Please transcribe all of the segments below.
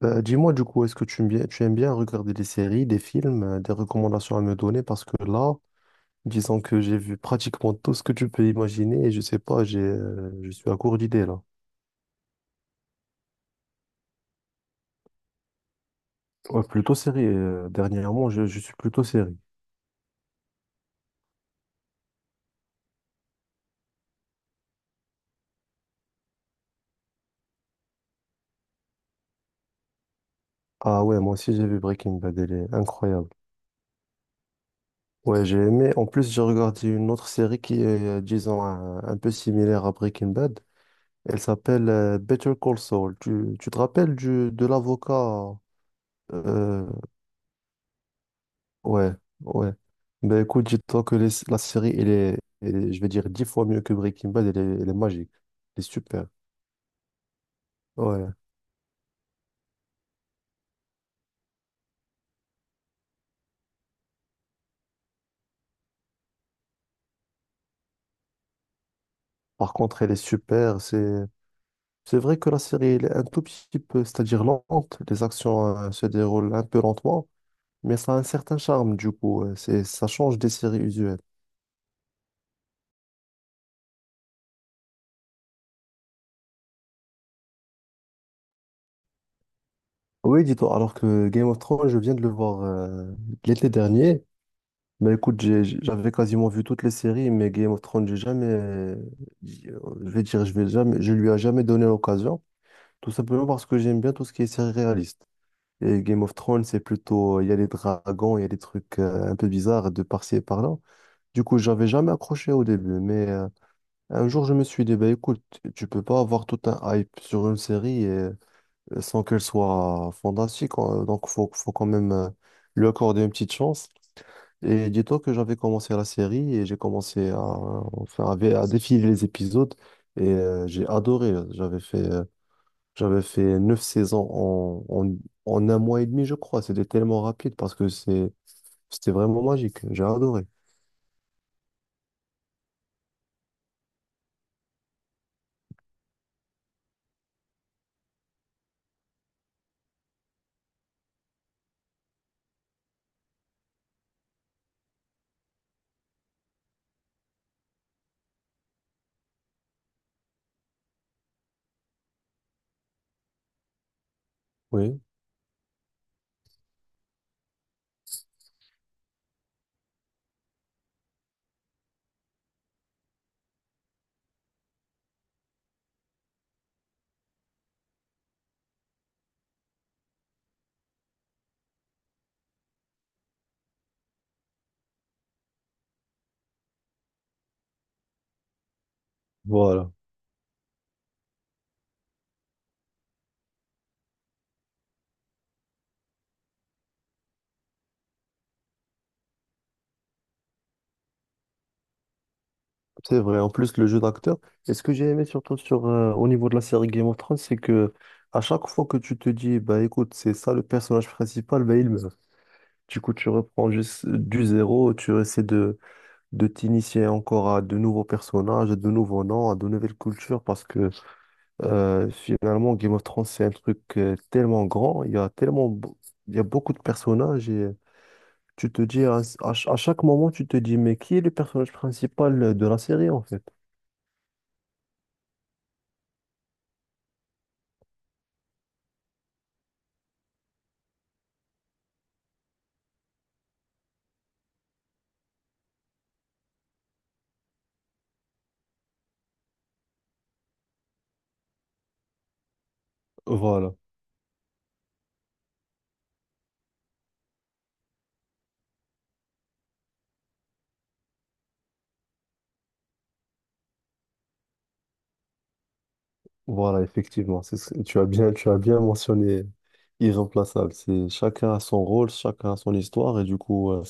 Bah, dis-moi du coup, est-ce que tu aimes bien regarder des séries, des films, des recommandations à me donner? Parce que là, disons que j'ai vu pratiquement tout ce que tu peux imaginer et je sais pas, je suis à court d'idées là. Ouais, plutôt série. Dernièrement, je suis plutôt série. Ah ouais, moi aussi j'ai vu Breaking Bad, elle est incroyable. Ouais, j'ai aimé. En plus, j'ai regardé une autre série qui est, disons, un peu similaire à Breaking Bad. Elle s'appelle Better Call Saul. Tu te rappelles de l'avocat? euh, Ouais, ouais. Ben écoute, dis-toi que la série, je vais dire, 10 fois mieux que Breaking Bad, elle est magique. Elle est super. Ouais. Par contre, elle est super. C'est vrai que la série, elle est un tout petit peu, c'est-à-dire lente. Les actions, se déroulent un peu lentement, mais ça a un certain charme, du coup. Ça change des séries usuelles. Oui, dis-toi, alors que Game of Thrones, je viens de le voir, l'été dernier. Bah écoute, j'avais quasiment vu toutes les séries, mais Game of Thrones, j'ai jamais, je vais dire, je lui ai jamais donné l'occasion, tout simplement parce que j'aime bien tout ce qui est série réaliste. Et Game of Thrones, c'est plutôt, il y a des dragons, il y a des trucs un peu bizarres de par-ci et par-là. Du coup, j'avais jamais accroché au début, un jour, je me suis dit, bah écoute, tu peux pas avoir tout un hype sur une série sans qu'elle soit fantastique, donc faut, faut quand même lui accorder une petite chance. Et dis-toi que j'avais commencé la série et j'ai commencé à, enfin, à défiler les épisodes j'ai adoré. J'avais fait 9 saisons en un mois et demi, je crois. C'était tellement rapide parce que c'était vraiment magique. J'ai adoré. Oui, voilà. C'est vrai, en plus le jeu d'acteur. Et ce que j'ai aimé surtout sur, au niveau de la série Game of Thrones, c'est que à chaque fois que tu te dis, bah écoute, c'est ça le personnage principal, bah il meurt. Du coup, tu reprends juste du zéro, tu essaies de t'initier encore à de nouveaux personnages, à de nouveaux noms, à de nouvelles cultures, parce que finalement, Game of Thrones, c'est un truc tellement grand, il y a tellement, il y a beaucoup de personnages et tu te dis, à chaque moment, tu te dis, mais qui est le personnage principal de la série en fait? Voilà. Voilà, effectivement, tu as bien mentionné irremplaçable. C'est chacun a son rôle, chacun a son histoire, et du coup, euh,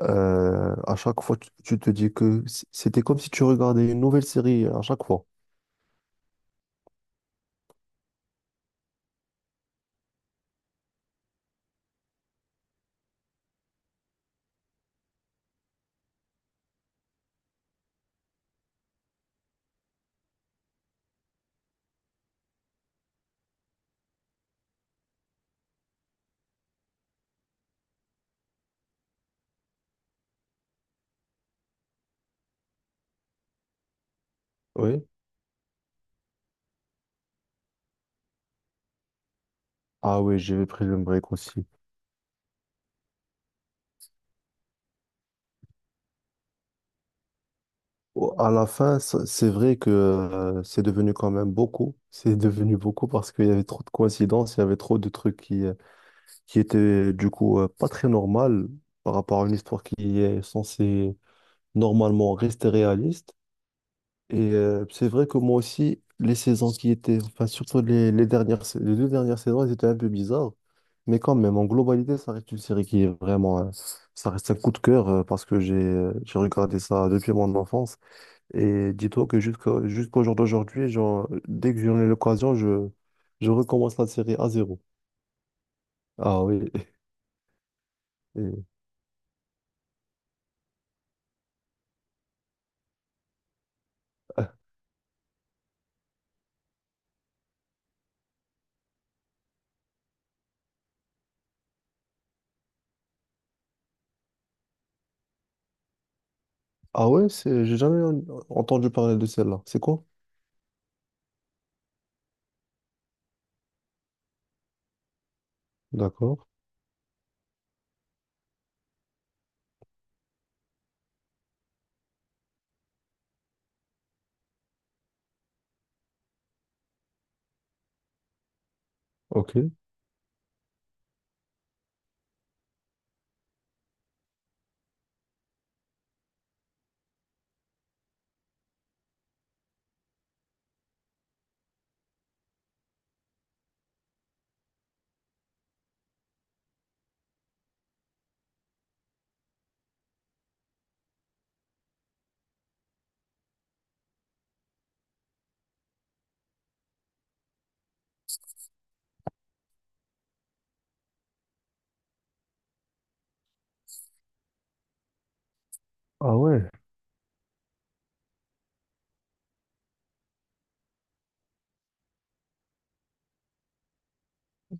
euh, à chaque fois, tu te dis que c'était comme si tu regardais une nouvelle série à chaque fois. Oui. Ah oui, j'ai pris le break aussi. À la fin, c'est vrai que c'est devenu quand même beaucoup. C'est devenu beaucoup parce qu'il y avait trop de coïncidences, il y avait trop de trucs qui étaient du coup pas très normales par rapport à une histoire qui est censée normalement rester réaliste. C'est vrai que moi aussi, les saisons qui étaient, enfin surtout les dernières, les deux dernières saisons, elles étaient un peu bizarres. Mais quand même, en globalité, ça reste une série qui est vraiment, ça reste un coup de cœur parce que j'ai regardé ça depuis mon enfance. Et dis-toi que jusqu'au jour d'aujourd'hui, genre, dès que j'en ai l'occasion, je recommence la série à zéro. Ah oui. Et- Ah ouais, j'ai jamais entendu parler de celle-là. C'est quoi? D'accord. Ok. Ah ouais,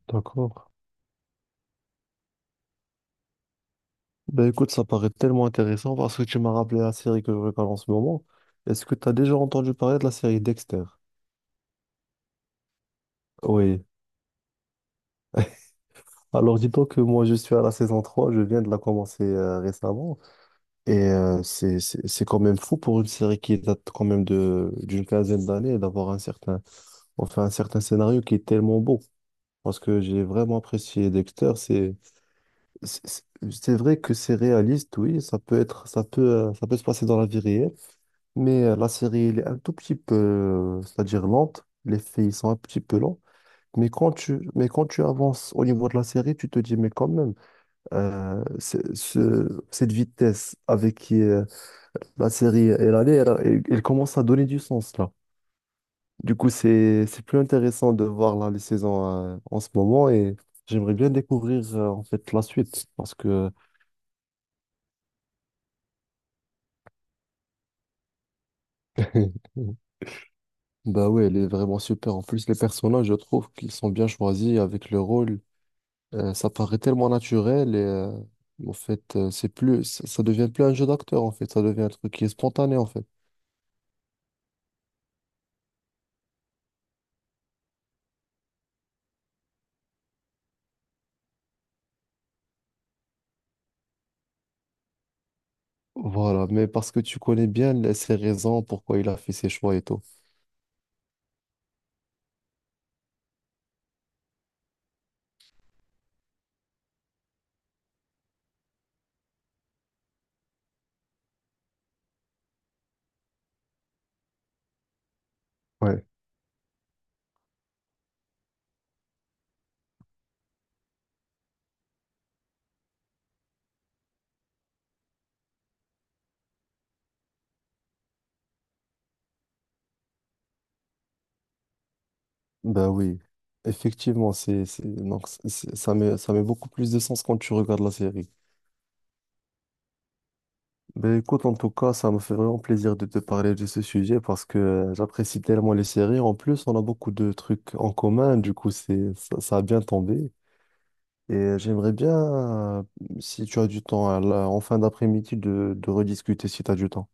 d'accord. Ben écoute, ça paraît tellement intéressant parce que tu m'as rappelé la série que je regarde en ce moment. Est-ce que tu as déjà entendu parler de la série Dexter? Oui. Alors dis-toi que moi je suis à la saison 3. Je viens de la commencer récemment. Et c'est quand même fou pour une série qui date quand même de d'une quinzaine d'années d'avoir un certain enfin un certain scénario qui est tellement beau. Parce que j'ai vraiment apprécié Dexter. C'est c'est- c'est vrai que c'est réaliste, oui. Ça peut se passer dans la vie réelle, la série elle est un tout petit peu c'est-à-dire lente. Les faits ils sont un petit peu lents. Mais quand tu avances au niveau de la série, tu te dis mais quand même cette vitesse avec qui la série, elle allait, elle commence à donner du sens là. Du coup, c'est plus intéressant de voir là les saisons en ce moment et j'aimerais bien découvrir en fait la suite parce que bah ouais, elle est vraiment super. En plus, les personnages, je trouve qu'ils sont bien choisis avec le rôle. Ça paraît tellement naturel en fait, c'est plus ça, ça devient plus un jeu d'acteur en fait, ça devient un truc qui est spontané en fait. Voilà, mais parce que tu connais bien ses raisons, pourquoi il a fait ses choix et tout. Ouais. Bah oui, effectivement, donc, ça met beaucoup plus de sens quand tu regardes la série. Ben écoute, en tout cas, ça me fait vraiment plaisir de te parler de ce sujet parce que j'apprécie tellement les séries. En plus, on a beaucoup de trucs en commun, du coup, ça a bien tombé. Et j'aimerais bien, euh, si tu as du temps, en fin d'après-midi, de rediscuter si tu as du temps.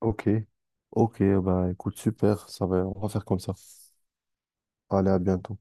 Ok. Ok, bah écoute, super, ça va, on va faire comme ça. Allez, à bientôt.